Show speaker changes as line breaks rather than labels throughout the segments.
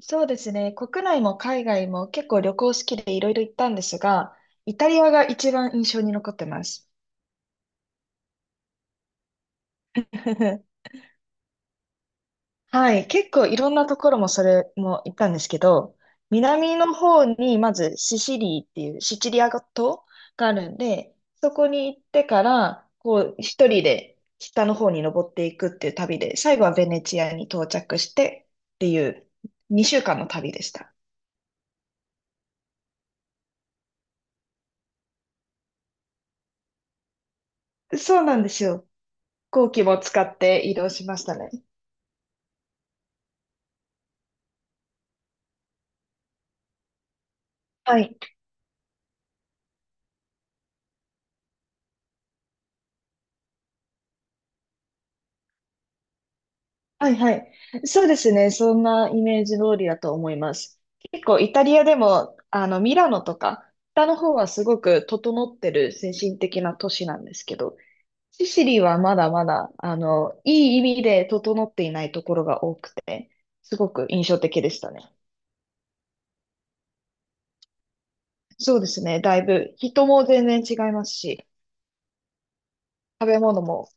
そうですね。国内も海外も結構旅行好きでいろいろ行ったんですが、イタリアが一番印象に残ってます。はい。結構いろんなところもそれも行ったんですけど、南の方にまずシシリーっていうシチリア島があるんで、そこに行ってから、こう一人で北の方に登っていくっていう旅で、最後はベネチアに到着してっていう2週間の旅でした。そうなんですよ。飛行機も使って移動しましたね。はい。はいはい。そうですね。そんなイメージ通りだと思います。結構イタリアでも、ミラノとか、北の方はすごく整ってる精神的な都市なんですけど、シシリはまだまだ、いい意味で整っていないところが多くて、すごく印象的でしたね。そうですね。だいぶ、人も全然違いますし、食べ物も。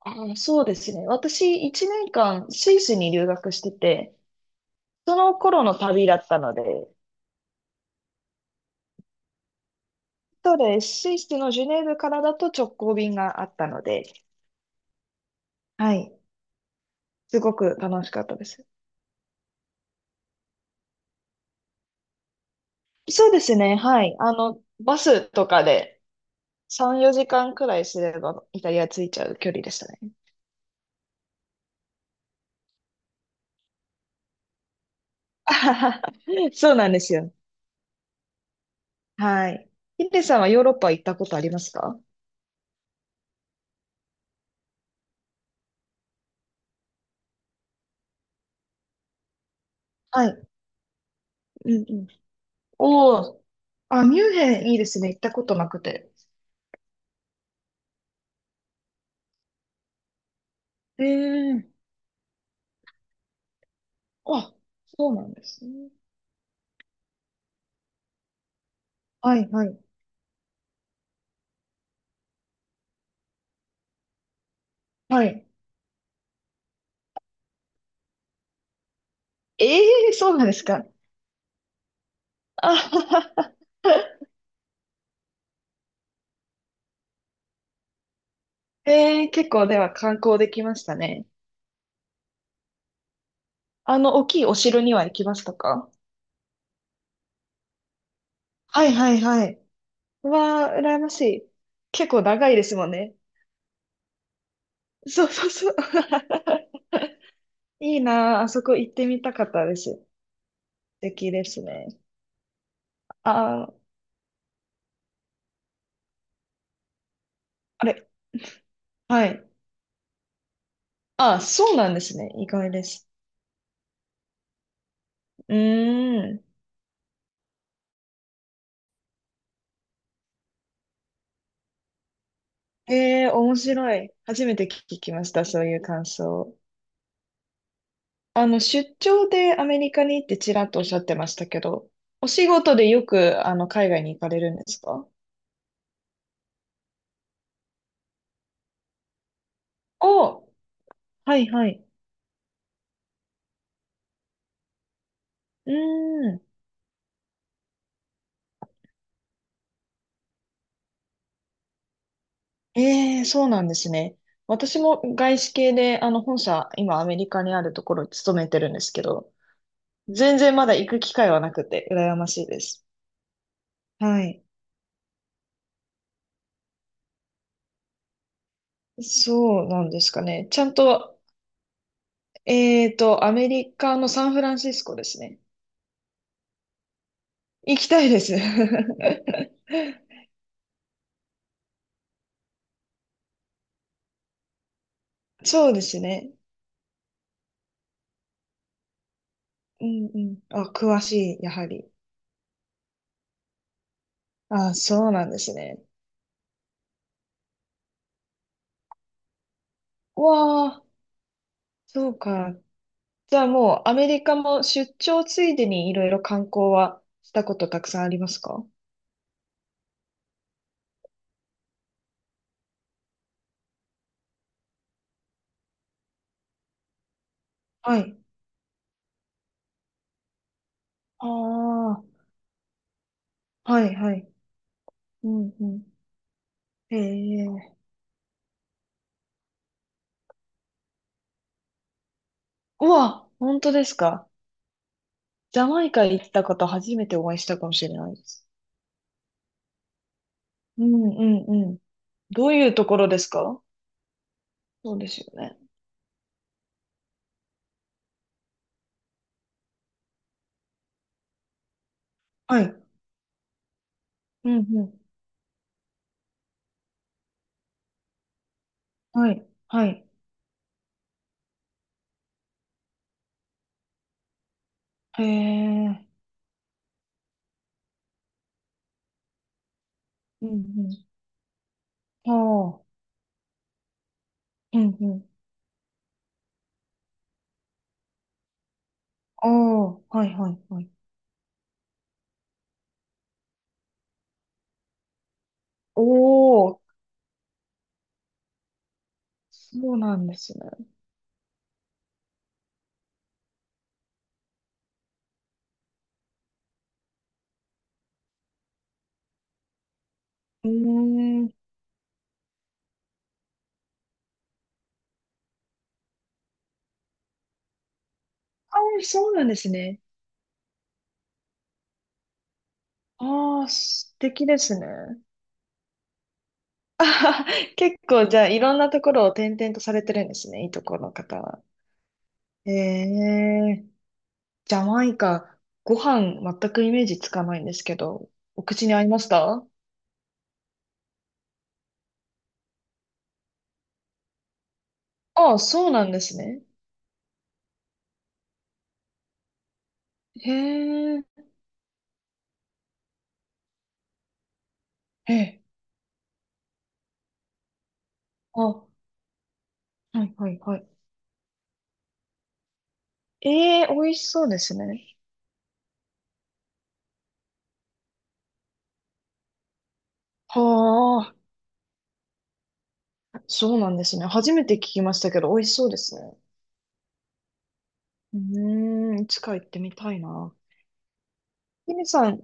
そうですね。私、1年間、スイスに留学してて、その頃の旅だったので、そうです。スイスのジュネーブからだと直行便があったので、はい。すごく楽しかったです。そうですね。はい。バスとかで3、4時間くらいすればイタリア着いちゃう距離でしたね。あはは。そうなんですよ。はい。ヒデさんはヨーロッパ行ったことありますか？はい。うんうん。おお。あ、ミュンヘンいいですね。行ったことなくて。ええ。あ、そうなんですね。はいはい。はい。ええ。そうなんですか？あはは。えー、結構では観光できましたね。大きいお城には行きましたか？はいはいはい。うわー、羨ましい。結構長いですもんね。そうそうそう。いいなあ、あそこ行ってみたかったです。素敵ですね。あー、あれ、はい。あー、そうなんですね。意外です。うーん。えー、面白い。初めて聞きました、そういう感想。出張でアメリカに行ってちらっとおっしゃってましたけど、お仕事でよく、海外に行かれるんですか？お、はいはい。うーん。ええ、そうなんですね。私も外資系で、本社、今アメリカにあるところに勤めてるんですけど、全然まだ行く機会はなくて、羨ましいです。はい。そうなんですかね。ちゃんと、アメリカのサンフランシスコですね。行きたいです。そうですね。うんうん。あ、詳しい、やはり。あ、そうなんですね。うわあ、そうか。じゃあもうアメリカも出張ついでにいろいろ観光はしたことたくさんありますか？はい。ああ、はいはい。うんうん。へえ。うわ、本当ですか？ジャマイカ行った方初めてお会いしたかもしれないです。うんうんうん。どういうところですか？そうですよね。はい。うんうん。はい。はい。へえ。うんうん。ああ、うんうん。ああ、はいはいはい。おお、そうなんですね。うーん。ああ、そうなんですね。ああ、素敵ですね。結構、じゃあ、いろんなところを転々とされてるんですね、いとこの方は。ええ、ジャマイカ、ご飯全くイメージつかないんですけど、お口に合いました？ああ、そうなんですね。へえ、ええ、あ、はいはいはい。ええ、美味しそうですね。はあ。そうなんですね。初めて聞きましたけど、美味しそうですね。うーん、いつか行ってみたいな。ひみさん、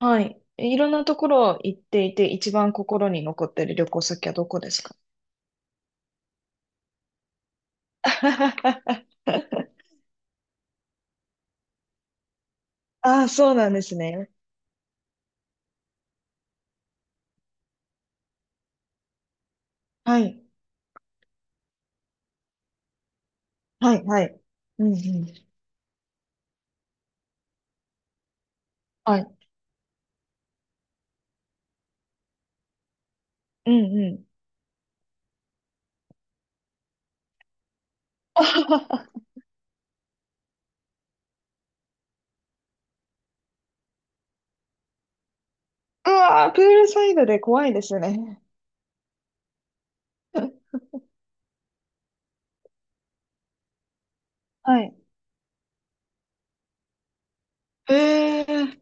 はい。いろんなところ行っていて、一番心に残ってる旅行先はどこですか？ ああ、そうなんですね。はい。はい、はい。うんうん。はい。うんうん。うわー、プールサイドで怖いですね。はい。ええ。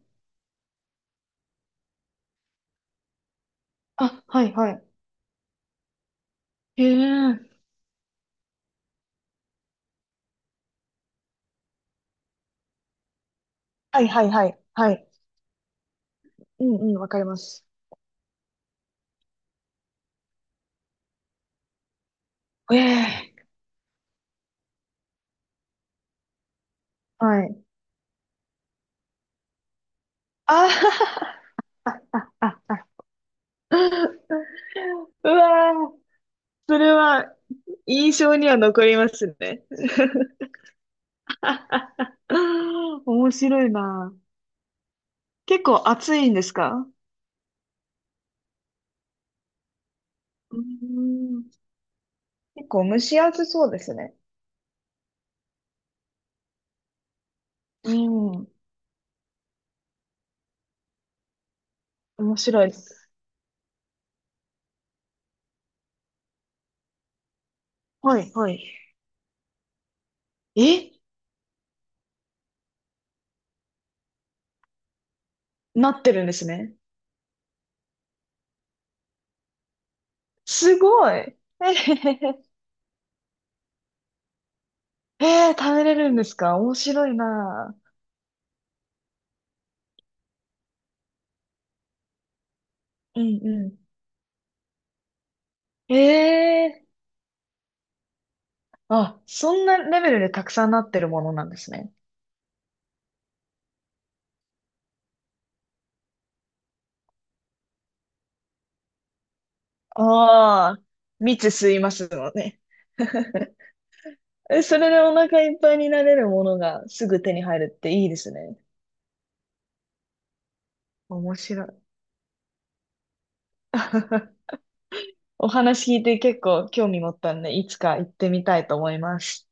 あ、はい、はい。ええ。はい、はい、はい。はい。うんうん、わかります。ええ。はい。ああ、あ、あ、あ、うわー、それは印象には残りますね。面白いな。結構暑いんですか？うーん、結構蒸し暑そうですね。うん、面白いです。はい、はい。え、なってるんですね。すごい。えへへへ。えー、食べれるんですか？面白いな。うんうん。ええ。あ、そんなレベルでたくさんなってるものなんですね。ああ、蜜吸いますのね。え、それでお腹いっぱいになれるものがすぐ手に入るっていいですね。面白い。お話聞いて結構興味持ったんで、いつか行ってみたいと思います。